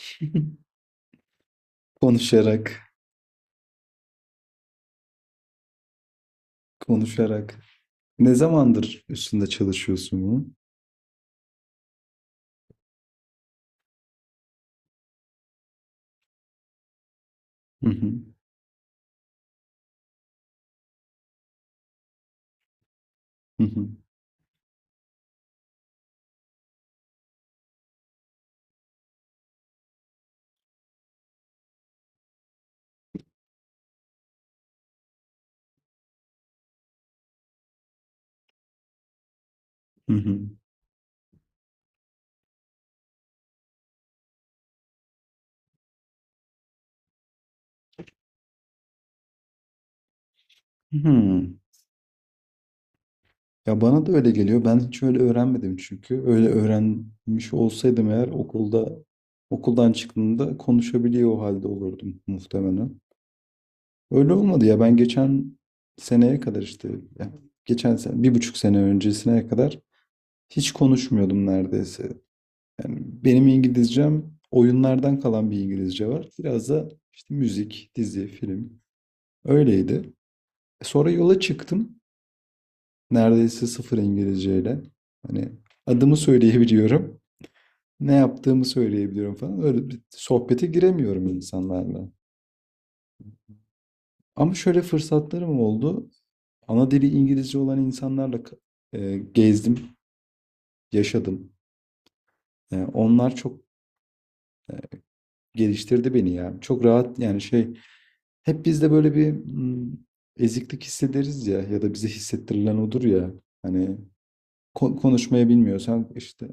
Konuşarak, konuşarak. Ne zamandır üstünde çalışıyorsun bunun? Hı hı, hı hı, hı hı. Hmm. Ya bana da öyle geliyor. Ben hiç öyle öğrenmedim çünkü. Öyle öğrenmiş olsaydım eğer okuldan çıktığımda konuşabiliyor o halde olurdum muhtemelen. Öyle olmadı ya. Ben geçen seneye kadar işte ya geçen sene, 1,5 sene öncesine kadar hiç konuşmuyordum neredeyse. Yani benim İngilizcem oyunlardan kalan bir İngilizce var. Biraz da işte müzik, dizi, film. Öyleydi. Sonra yola çıktım. Neredeyse sıfır İngilizceyle. Hani adımı söyleyebiliyorum. Ne yaptığımı söyleyebiliyorum falan. Öyle bir sohbete giremiyorum insanlarla. Ama şöyle fırsatlarım oldu. Ana dili İngilizce olan insanlarla gezdim, yaşadım. Onlar çok geliştirdi beni ya. Çok rahat yani şey hep bizde böyle bir eziklik hissederiz ya ya da bize hissettirilen odur ya. Hani konuşmayı bilmiyorsan işte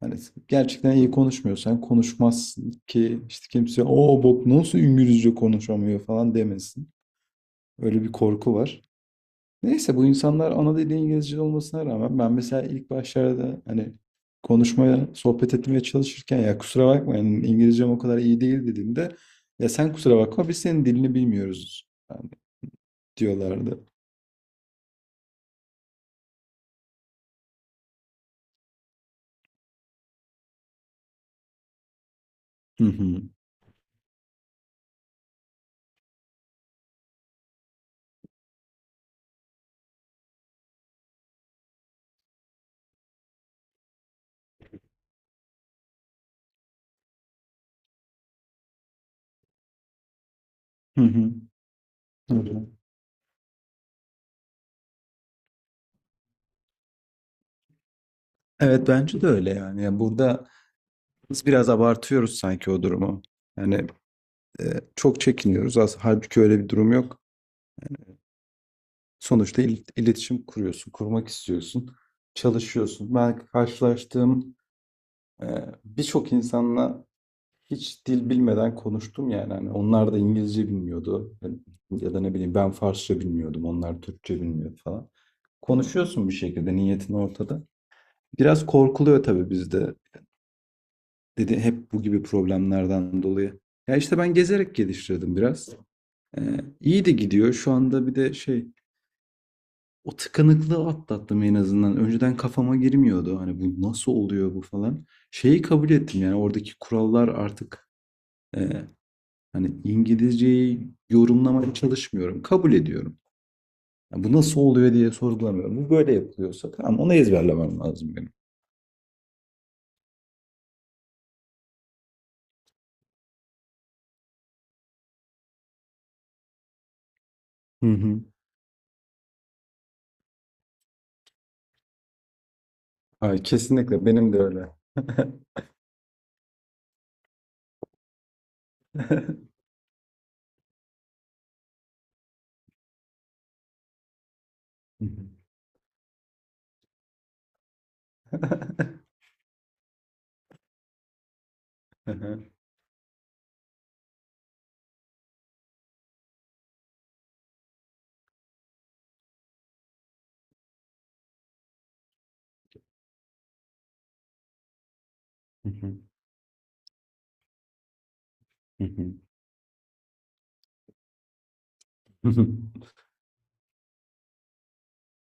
hani gerçekten iyi konuşmuyorsan konuşmazsın ki işte kimse o bok nasıl İngilizce konuşamıyor falan demesin. Öyle bir korku var. Neyse bu insanlar ana dili İngilizce olmasına rağmen ben mesela ilk başlarda hani konuşmaya, sohbet etmeye çalışırken ya kusura bakma yani İngilizcem o kadar iyi değil dediğimde ya sen kusura bakma biz senin dilini bilmiyoruz yani diyorlardı. Hı hı. Hı hı. Hı. Evet bence de öyle yani. Yani burada biz biraz abartıyoruz sanki o durumu. Yani e, çok çekiniyoruz. Aslında halbuki öyle bir durum yok. Sonuçta iletişim kuruyorsun, kurmak istiyorsun, çalışıyorsun. Ben karşılaştığım Ee, birçok insanla hiç dil bilmeden konuştum yani. Hani onlar da İngilizce bilmiyordu. Ya da ne bileyim ben Farsça bilmiyordum. Onlar Türkçe bilmiyor falan. Konuşuyorsun bir şekilde niyetin ortada. Biraz korkuluyor tabii bizde. Dedi hep bu gibi problemlerden dolayı. Ya işte ben gezerek geliştirdim biraz. Ee, iyi de gidiyor. Şu anda bir de şey o tıkanıklığı atlattım en azından. Önceden kafama girmiyordu. Hani bu nasıl oluyor bu falan. Şeyi kabul ettim yani oradaki kurallar artık e, Hani İngilizceyi yorumlamaya çalışmıyorum. Kabul ediyorum. Ya bu nasıl oluyor diye sorgulamıyorum. Bu böyle yapılıyorsa tamam onu ezberlemem lazım benim. Hı hı. Ay, kesinlikle benim de öyle.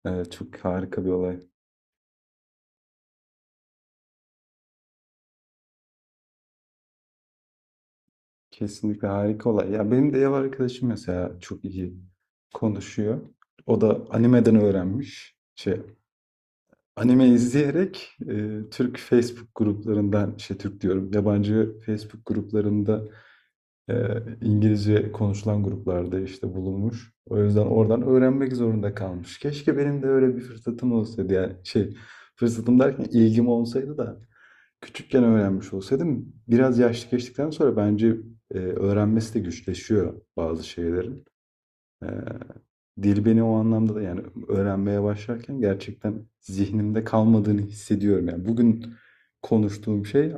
Evet, çok harika bir olay. Kesinlikle harika olay. Ya benim de ev arkadaşım mesela çok iyi konuşuyor. O da animeden öğrenmiş. Şey anime izleyerek Türk Facebook gruplarından, şey Türk diyorum, yabancı Facebook gruplarında e, İngilizce konuşulan gruplarda işte bulunmuş. O yüzden oradan öğrenmek zorunda kalmış. Keşke benim de öyle bir fırsatım olsaydı. Yani şey, fırsatım derken ilgim olsaydı da küçükken öğrenmiş olsaydım. Biraz yaşlı geçtikten sonra bence öğrenmesi de güçleşiyor bazı şeylerin. Ee, Dil beni o anlamda da yani öğrenmeye başlarken gerçekten zihnimde kalmadığını hissediyorum. Yani bugün konuştuğum şey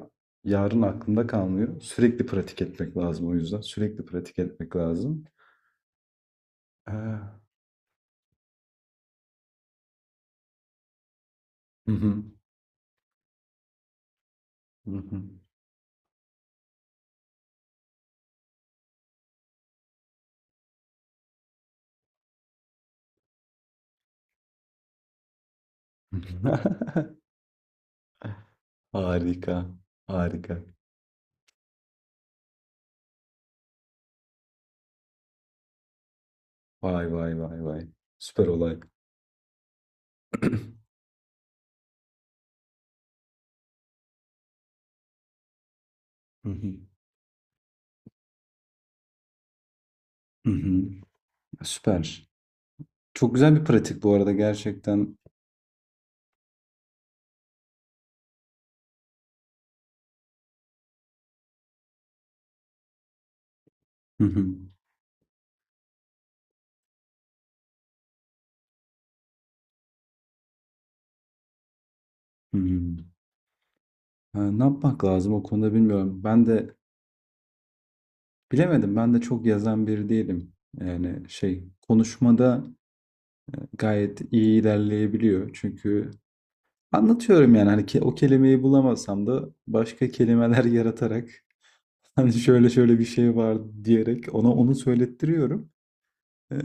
yarın aklımda kalmıyor. Sürekli pratik etmek lazım o yüzden. Sürekli pratik etmek lazım. Ee, hı hı, hı hı. Hı hı. Harika. Harika. Vay vay vay vay. Süper olay. Hı hı, hı hı. Süper. Çok güzel bir pratik bu arada gerçekten. Hı hı, hı hı. Ha, ne yapmak lazım o konuda bilmiyorum. Ben de bilemedim. Ben de çok yazan biri değilim. Yani şey konuşmada gayet iyi ilerleyebiliyor. Çünkü anlatıyorum yani hani o kelimeyi bulamasam da başka kelimeler yaratarak hani şöyle şöyle bir şey var diyerek ona onu söylettiriyorum. Ee,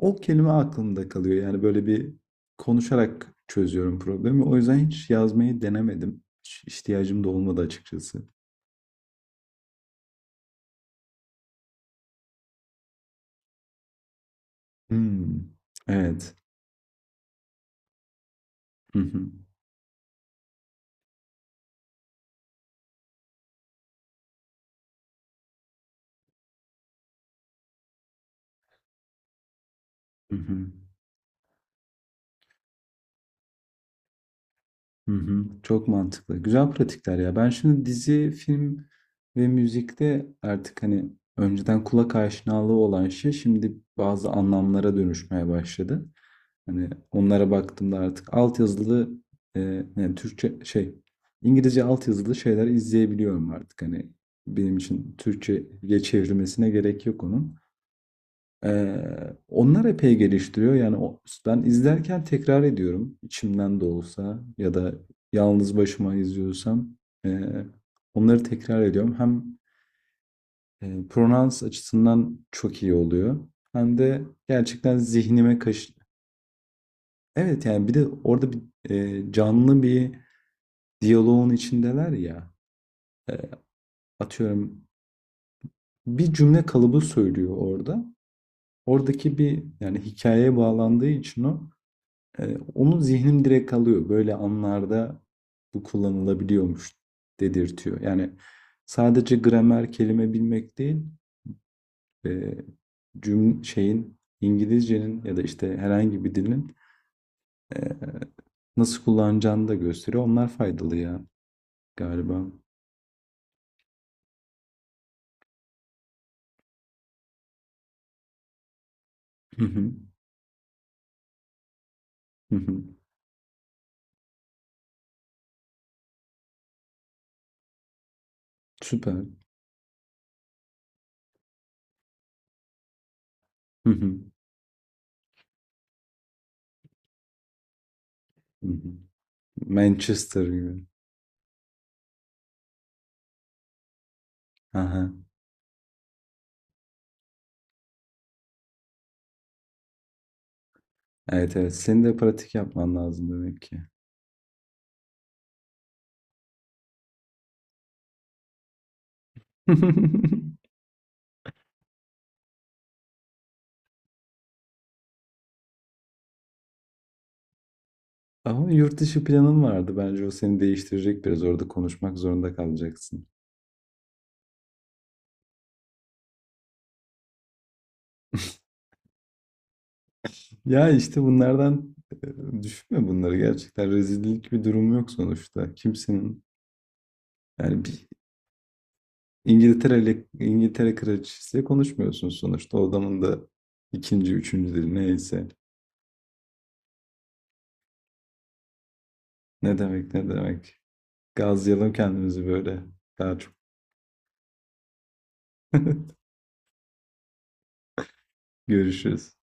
O kelime aklımda kalıyor. Yani böyle bir konuşarak çözüyorum problemi. O yüzden hiç yazmayı denemedim. Hiç ihtiyacım da olmadı açıkçası. Hmm, evet. Hı hı. Hı hı. Hı hı. Çok mantıklı. Güzel pratikler ya. Ben şimdi dizi, film ve müzikte artık hani önceden kulak aşinalığı olan şey şimdi bazı anlamlara dönüşmeye başladı. Hani onlara baktığımda artık altyazılı e, yani Türkçe şey İngilizce altyazılı şeyler izleyebiliyorum artık. Hani benim için Türkçe'ye çevrilmesine gerek yok onun. Onlar epey geliştiriyor. Yani o, ben izlerken tekrar ediyorum. İçimden de olsa ya da yalnız başıma izliyorsam eee, onları tekrar ediyorum. Hem pronans açısından çok iyi oluyor. Hem de gerçekten zihnime kaş... Evet yani bir de orada bir canlı bir diyaloğun içindeler ya. Eee, Atıyorum bir cümle kalıbı söylüyor orada. Oradaki bir yani hikayeye bağlandığı için o onu zihnim direkt alıyor. Böyle anlarda bu kullanılabiliyormuş dedirtiyor. Yani sadece gramer kelime bilmek değil, e, cüm şeyin İngilizcenin ya da işte herhangi bir dilin e, nasıl kullanacağını da gösteriyor. Onlar faydalı ya galiba. Hı hı, hı hı. Süper. Hı hı, hı hı. Manchester gibi. Aha. Evet, evet. Senin de pratik yapman lazım demek ki. Ama yurt dışı planın vardı. Bence o seni değiştirecek biraz. Orada konuşmak zorunda kalacaksın. Ya işte bunlardan düşünme bunları. Gerçekten rezillik bir durum yok sonuçta. Kimsenin yani bir İngiltere kraliçesiyle konuşmuyorsun sonuçta. O adamın da ikinci, üçüncü dili neyse. Ne demek ne demek. Gazlayalım kendimizi böyle. Daha çok görüşürüz.